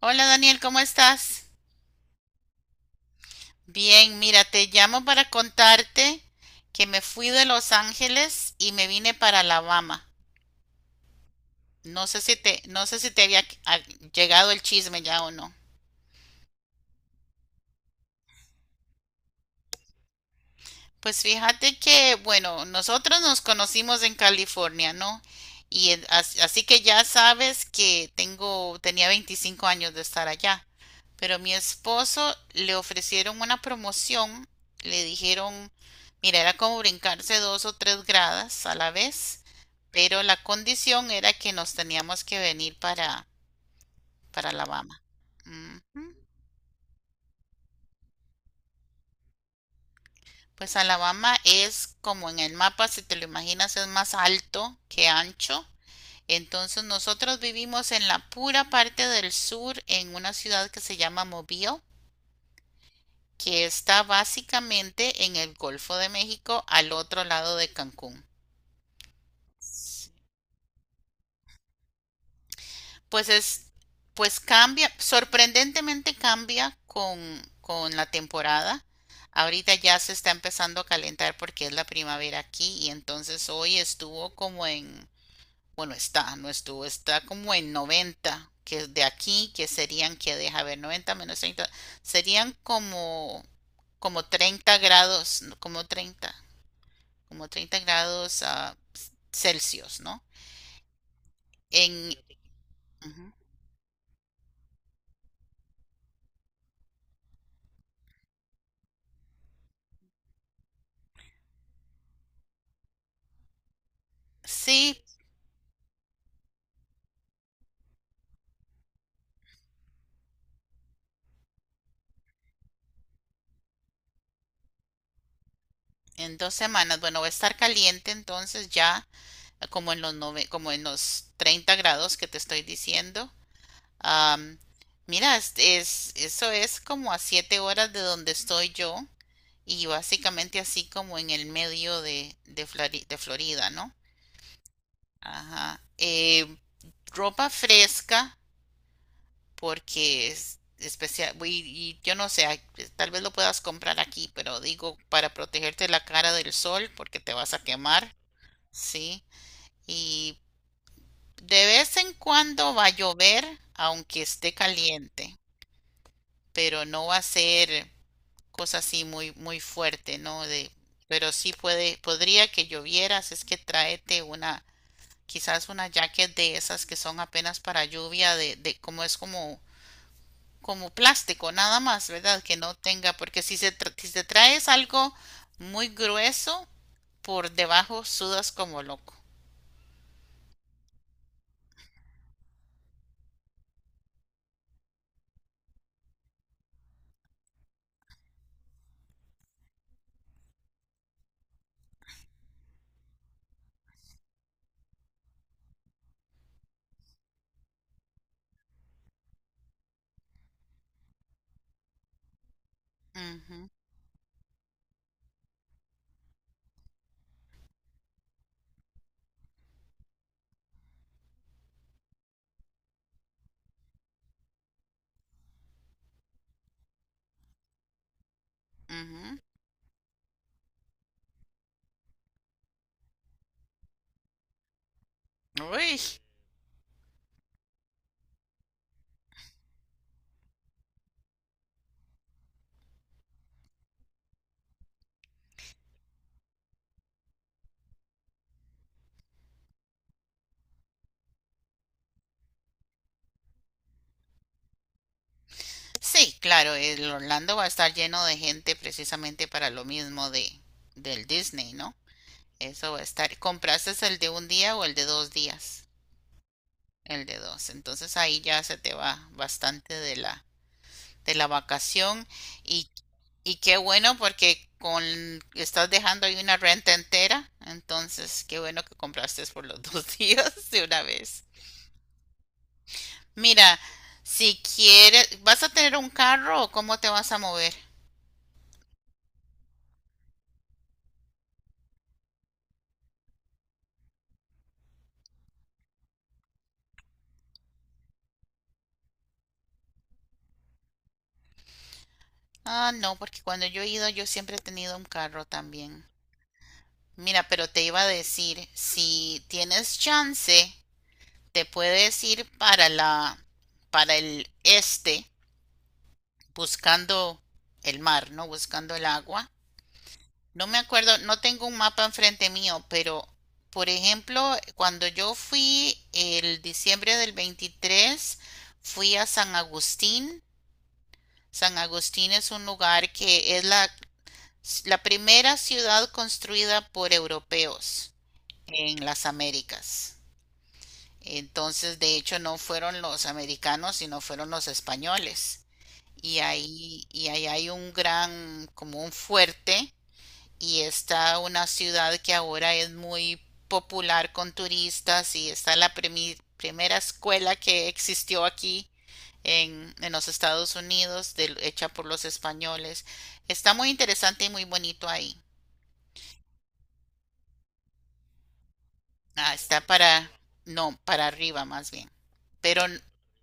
Hola Daniel, ¿cómo estás? Bien, mira, te llamo para contarte que me fui de Los Ángeles y me vine para Alabama. No sé si te había llegado el chisme ya o no. Pues fíjate que, bueno, nosotros nos conocimos en California, ¿no? Y así que ya sabes que tenía 25 años de estar allá. Pero mi esposo le ofrecieron una promoción, le dijeron, mira, era como brincarse dos o tres gradas a la vez, pero la condición era que nos teníamos que venir para, Alabama. Ujú. Pues Alabama es como en el mapa, si te lo imaginas, es más alto que ancho. Entonces nosotros vivimos en la pura parte del sur, en una ciudad que se llama Mobile, que está básicamente en el Golfo de México, al otro lado de Cancún. Pues es, pues cambia, sorprendentemente cambia con la temporada. Ahorita ya se está empezando a calentar porque es la primavera aquí y entonces hoy estuvo como en. Bueno, está, no estuvo, está como en 90 que de aquí, que serían, que deja ver, 90 menos 30, serían como, 30 grados, no, como 30 grados Celsius, ¿no? En. Ujú. Sí, en 2 semanas, bueno, va a estar caliente entonces ya, como en los 30 grados que te estoy diciendo. Am, Mira, eso es como a 7 horas de donde estoy yo. Y básicamente así como en el medio de Florida, ¿no? Ajá. Ropa fresca, porque es especial, y yo no sé, ay, tal vez lo puedas comprar aquí, pero digo para protegerte la cara del sol, porque te vas a quemar, ¿sí? Y de vez en cuando va a llover, aunque esté caliente, pero no va a ser cosa así muy, muy fuerte, ¿no? De, pero sí puede, podría que llovieras, es que tráete una, quizás una jacket de esas que son apenas para lluvia, de como es como plástico, nada más, ¿verdad? Que no tenga, porque si te traes algo muy grueso, por debajo sudas como loco. Ujú, ujú. Uy. Sí, claro, el Orlando va a estar lleno de gente precisamente para lo mismo de del Disney, ¿no? Eso va a estar. ¿Compraste el de un día o el de dos días? El de dos. Entonces ahí ya se te va bastante de la, vacación. Y, y qué bueno porque con, estás dejando ahí una renta entera. Entonces, qué bueno que compraste por los dos días de una vez. Mira, si quieres, ¿vas a tener un carro o cómo te vas a mover? Ah, no, porque cuando yo he ido yo siempre he tenido un carro también. Mira, pero te iba a decir, si tienes chance te puedes ir para el este, buscando el mar, ¿no? Buscando el agua. No me acuerdo, no tengo un mapa enfrente mío, pero por ejemplo, cuando yo fui el diciembre del 23, fui a San Agustín. San Agustín es un lugar que es la primera ciudad construida por europeos en las Américas. Entonces, de hecho, no fueron los americanos, sino fueron los españoles. Y ahí hay un gran, como un fuerte, y está una ciudad que ahora es muy popular con turistas, y está la primera escuela que existió aquí en los Estados Unidos, hecha por los españoles. Está muy interesante y muy bonito ahí. Está para, no, para arriba más bien. Pero,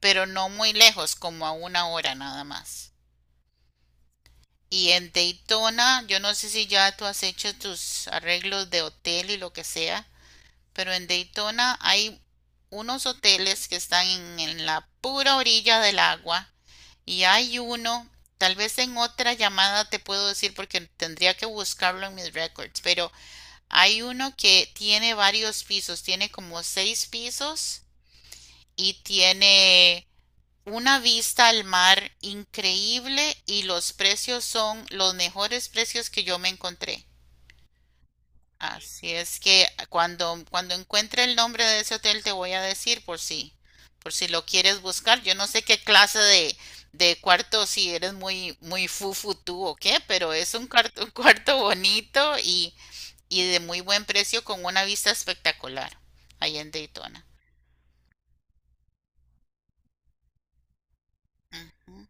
pero no muy lejos, como a una hora nada más. Y en Daytona, yo no sé si ya tú has hecho tus arreglos de hotel y lo que sea, pero en Daytona hay unos hoteles que están en, la pura orilla del agua y hay uno, tal vez en otra llamada te puedo decir porque tendría que buscarlo en mis records, pero hay uno que tiene varios pisos, tiene como 6 pisos y tiene una vista al mar increíble y los precios son los mejores precios que yo me encontré. Así es que cuando, encuentre el nombre de ese hotel te voy a decir por si lo quieres buscar. Yo no sé qué clase de cuarto, si eres muy, muy fufu tú o qué, pero es un cuarto bonito y de muy buen precio con una vista espectacular ahí en Daytona. Ujú.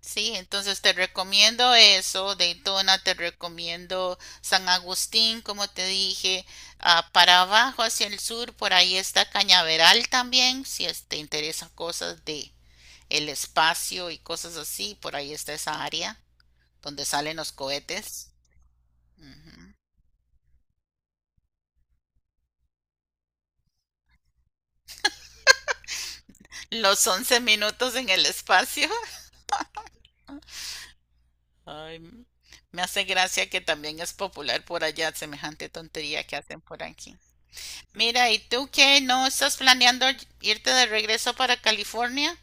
Sí, entonces te recomiendo eso, Daytona, te recomiendo San Agustín, como te dije, para abajo hacia el sur, por ahí está Cañaveral también, si es- te interesan cosas de el espacio y cosas así, por ahí está esa área donde salen los cohetes. Ujú. Los 11 minutos en el espacio. Ay, me hace gracia que también es popular por allá, semejante tontería que hacen por aquí. Mira, ¿y tú qué? ¿No estás planeando irte de regreso para California?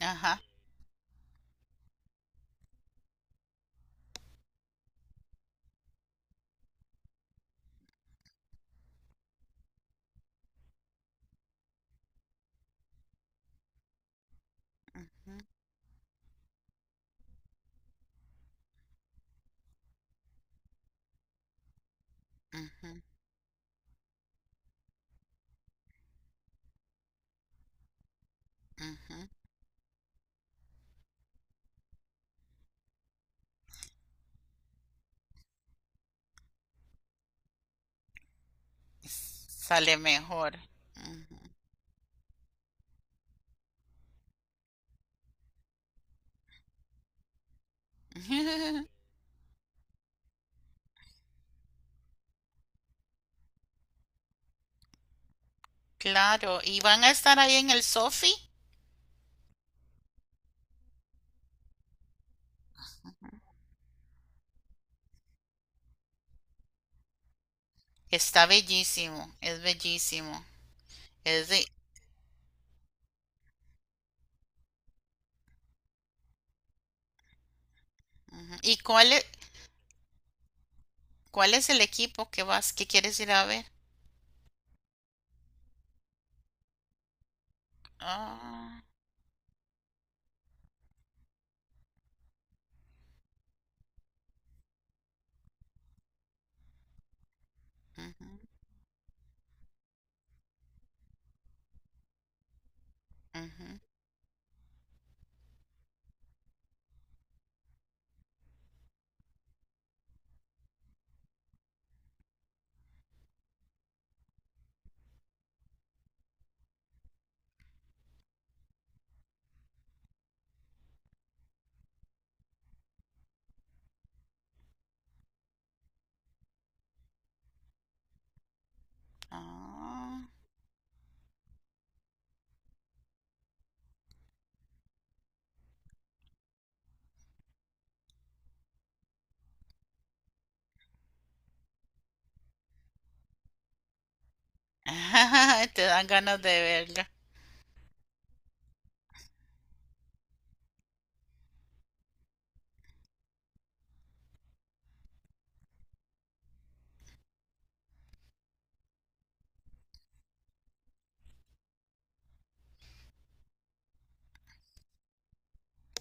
Ajá. Ujú, ujú, ujú. Sale mejor. Ujú. Claro, ¿y van a estar ahí en el Sofi? Está bellísimo. Es de... Ujú. ¿Y cuál es el equipo que quieres ir a ver? Ah, ujú, ujú, ah. Te dan ganas de verla.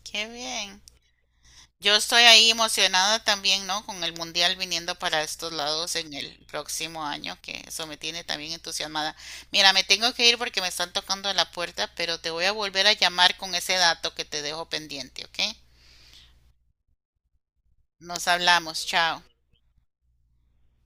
Qué bien. Yo estoy ahí emocionada también, ¿no? Con el mundial viniendo para estos lados en el próximo año, que eso me tiene también entusiasmada. Mira, me tengo que ir porque me están tocando a la puerta, pero te voy a volver a llamar con ese dato que te dejo pendiente, ¿ok? Nos hablamos, chao.